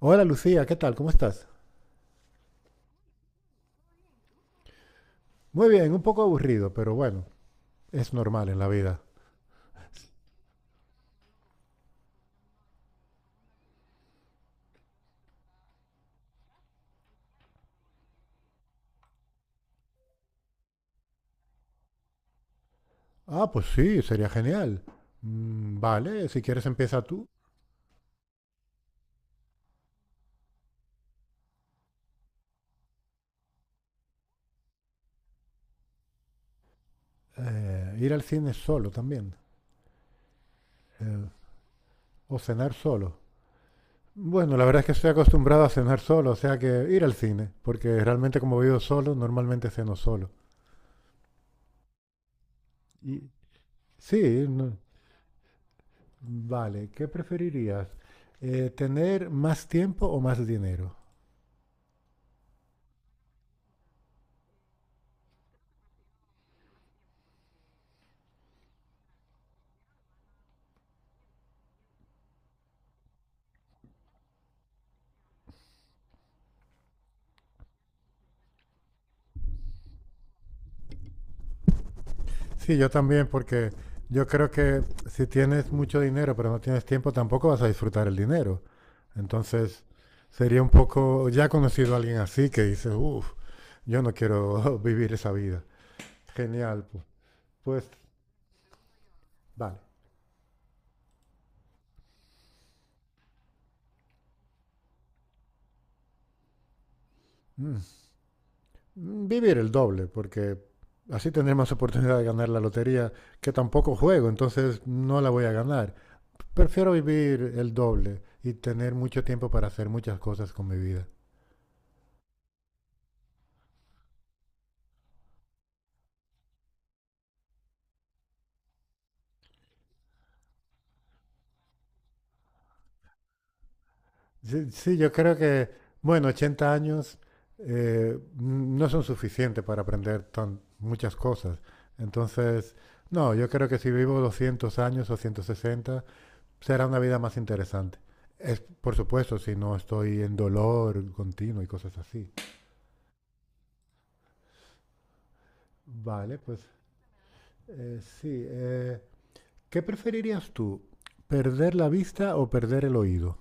Hola Lucía, ¿qué tal? ¿Cómo estás? Muy bien, un poco aburrido, pero bueno, es normal en la vida. Ah, pues sí, sería genial. Vale, si quieres empieza tú. Ir al cine solo también. eh, o cenar solo. Bueno, la verdad es que estoy acostumbrado a cenar solo, o sea que ir al cine, porque realmente como vivo solo, normalmente ceno solo. Y, sí, vale, ¿qué preferirías? ¿Tener más tiempo o más dinero? Sí, yo también, porque yo creo que si tienes mucho dinero pero no tienes tiempo, tampoco vas a disfrutar el dinero. Entonces, sería un poco, ya he conocido a alguien así que dice, uff, yo no quiero vivir esa vida. Genial, pues vale. Mm. Mm, vivir el doble, porque así tendré más oportunidad de ganar la lotería, que tampoco juego, entonces no la voy a ganar. Prefiero vivir el doble y tener mucho tiempo para hacer muchas cosas con mi vida. Sí, sí, yo creo que, bueno, 80 años no son suficientes para aprender tan, muchas cosas. Entonces, no, yo creo que si vivo 200 años o 160 será una vida más interesante. Es, por supuesto, si no estoy en dolor continuo y cosas así. Vale, pues sí. ¿Qué preferirías tú? ¿Perder la vista o perder el oído?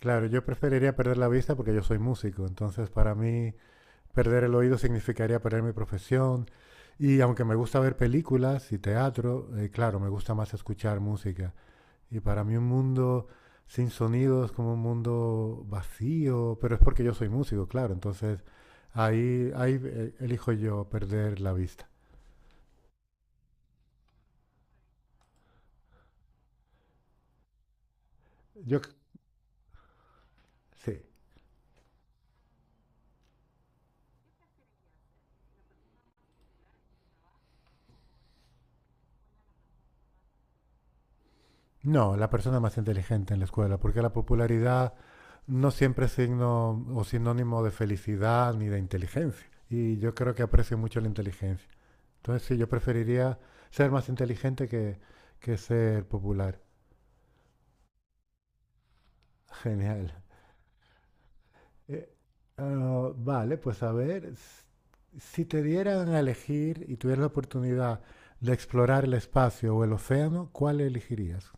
Claro, yo preferiría perder la vista porque yo soy músico, entonces para mí perder el oído significaría perder mi profesión. Y aunque me gusta ver películas y teatro, claro, me gusta más escuchar música. Y para mí un mundo sin sonido es como un mundo vacío, pero es porque yo soy músico, claro. Entonces ahí elijo yo perder la vista. Yo c- sí. No, la persona más inteligente en la escuela, porque la popularidad no siempre es signo o sinónimo de felicidad ni de inteligencia. Y yo creo que aprecio mucho la inteligencia. Entonces sí, yo preferiría ser más inteligente que ser popular. Genial. Eh, vale, pues a ver, si te dieran a elegir y tuvieras la oportunidad de explorar el espacio o el océano, ¿cuál elegirías?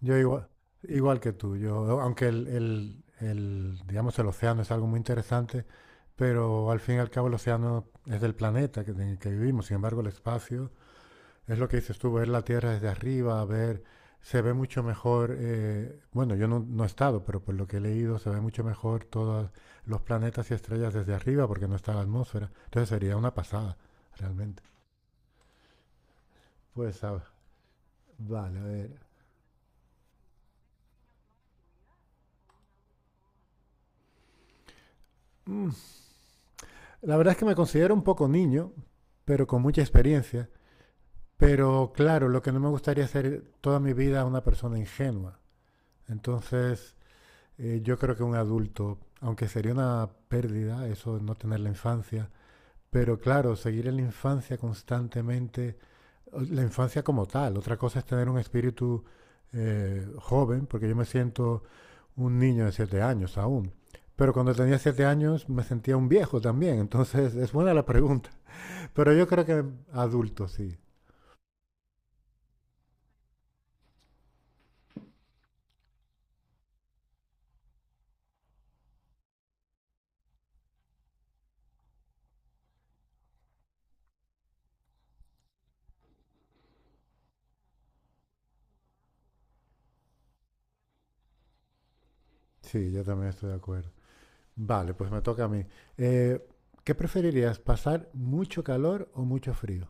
Yo igual, igual que tú, yo, aunque digamos, el océano es algo muy interesante, pero al fin y al cabo el océano es del planeta en el que vivimos, sin embargo el espacio es lo que dices tú, ver la Tierra desde arriba, ver, se ve mucho mejor, bueno, yo no, no he estado, pero por lo que he leído, se ve mucho mejor todos los planetas y estrellas desde arriba porque no está la atmósfera. Entonces sería una pasada, realmente. Pues, vale, a ver. La verdad es que me considero un poco niño, pero con mucha experiencia. Pero claro, lo que no me gustaría es ser toda mi vida una persona ingenua. Entonces, yo creo que un adulto, aunque sería una pérdida eso de no tener la infancia, pero claro, seguir en la infancia constantemente, la infancia como tal, otra cosa es tener un espíritu joven, porque yo me siento un niño de 7 años aún. Pero cuando tenía 7 años me sentía un viejo también, entonces es buena la pregunta. Pero yo creo que adulto, sí. Sí, yo también estoy de acuerdo. Vale, pues me toca a mí. Eh, ¿Qué preferirías, pasar mucho calor o mucho frío?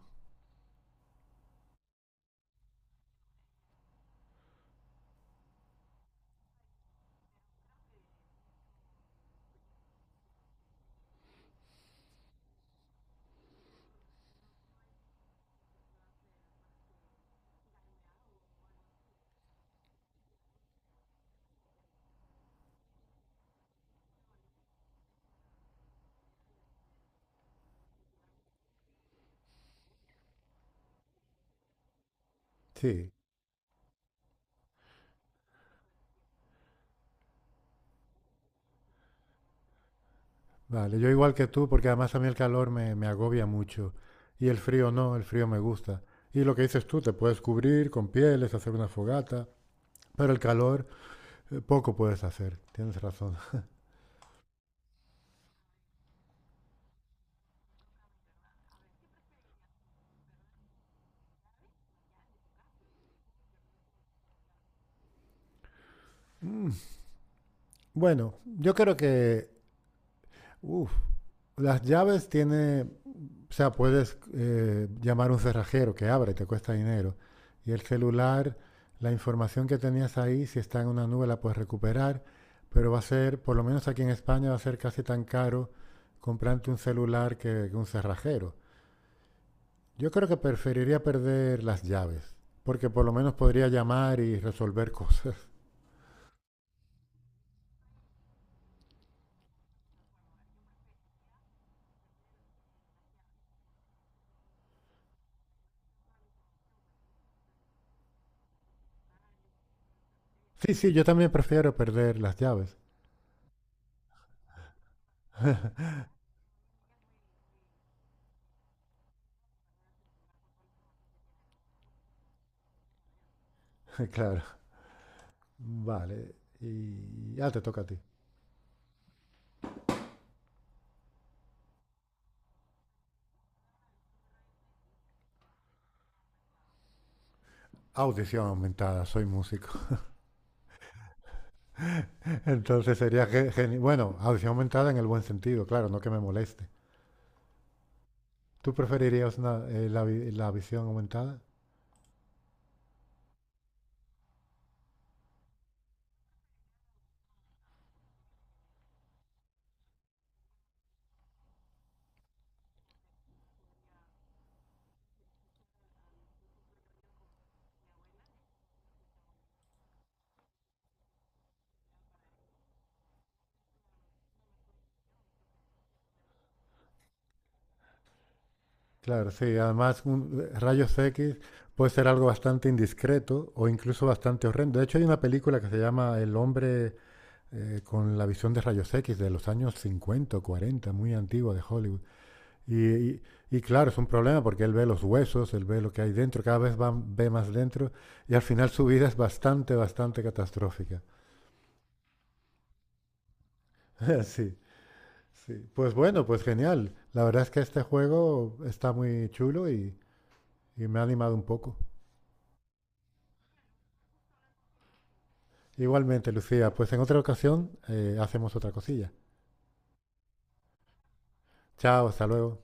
Sí, vale, yo igual que tú, porque además a mí el calor me agobia mucho y el frío no, el frío me gusta. Y lo que dices tú, te puedes cubrir con pieles, hacer una fogata, pero el calor poco puedes hacer, tienes razón. Bueno, yo creo que uf. Las llaves tiene, o sea, puedes llamar a un cerrajero que abra y te cuesta dinero. Y el celular, la información que tenías ahí, si está en una nube, la puedes recuperar, pero va a ser, por lo menos aquí en España, va a ser casi tan caro comprarte un celular que un cerrajero. Yo creo que preferiría perder las llaves, porque por lo menos podría llamar y resolver cosas. Sí, sí, yo también prefiero perder las llaves. Claro. Vale. Y ya te toca a ti. Audición aumentada, soy músico. Entonces sería genial. Bueno, audición aumentada en el buen sentido, claro, no que me moleste. ¿Tú preferirías una, la visión aumentada? Claro, sí. Además, rayos X puede ser algo bastante indiscreto o incluso bastante horrendo. De hecho, hay una película que se llama El Hombre con la visión de rayos X de los años 50, o 40, muy antigua de Hollywood. Y, y- y claro, es un problema porque él ve los huesos, él ve lo que hay dentro, cada vez va, ve más dentro y al final su vida es bastante, bastante catastrófica. Sí, sí. Pues bueno, pues genial. La verdad es que este juego está muy chulo y me ha animado un poco. Igualmente, Lucía, pues en otra ocasión hacemos otra cosilla. Chao, hasta luego.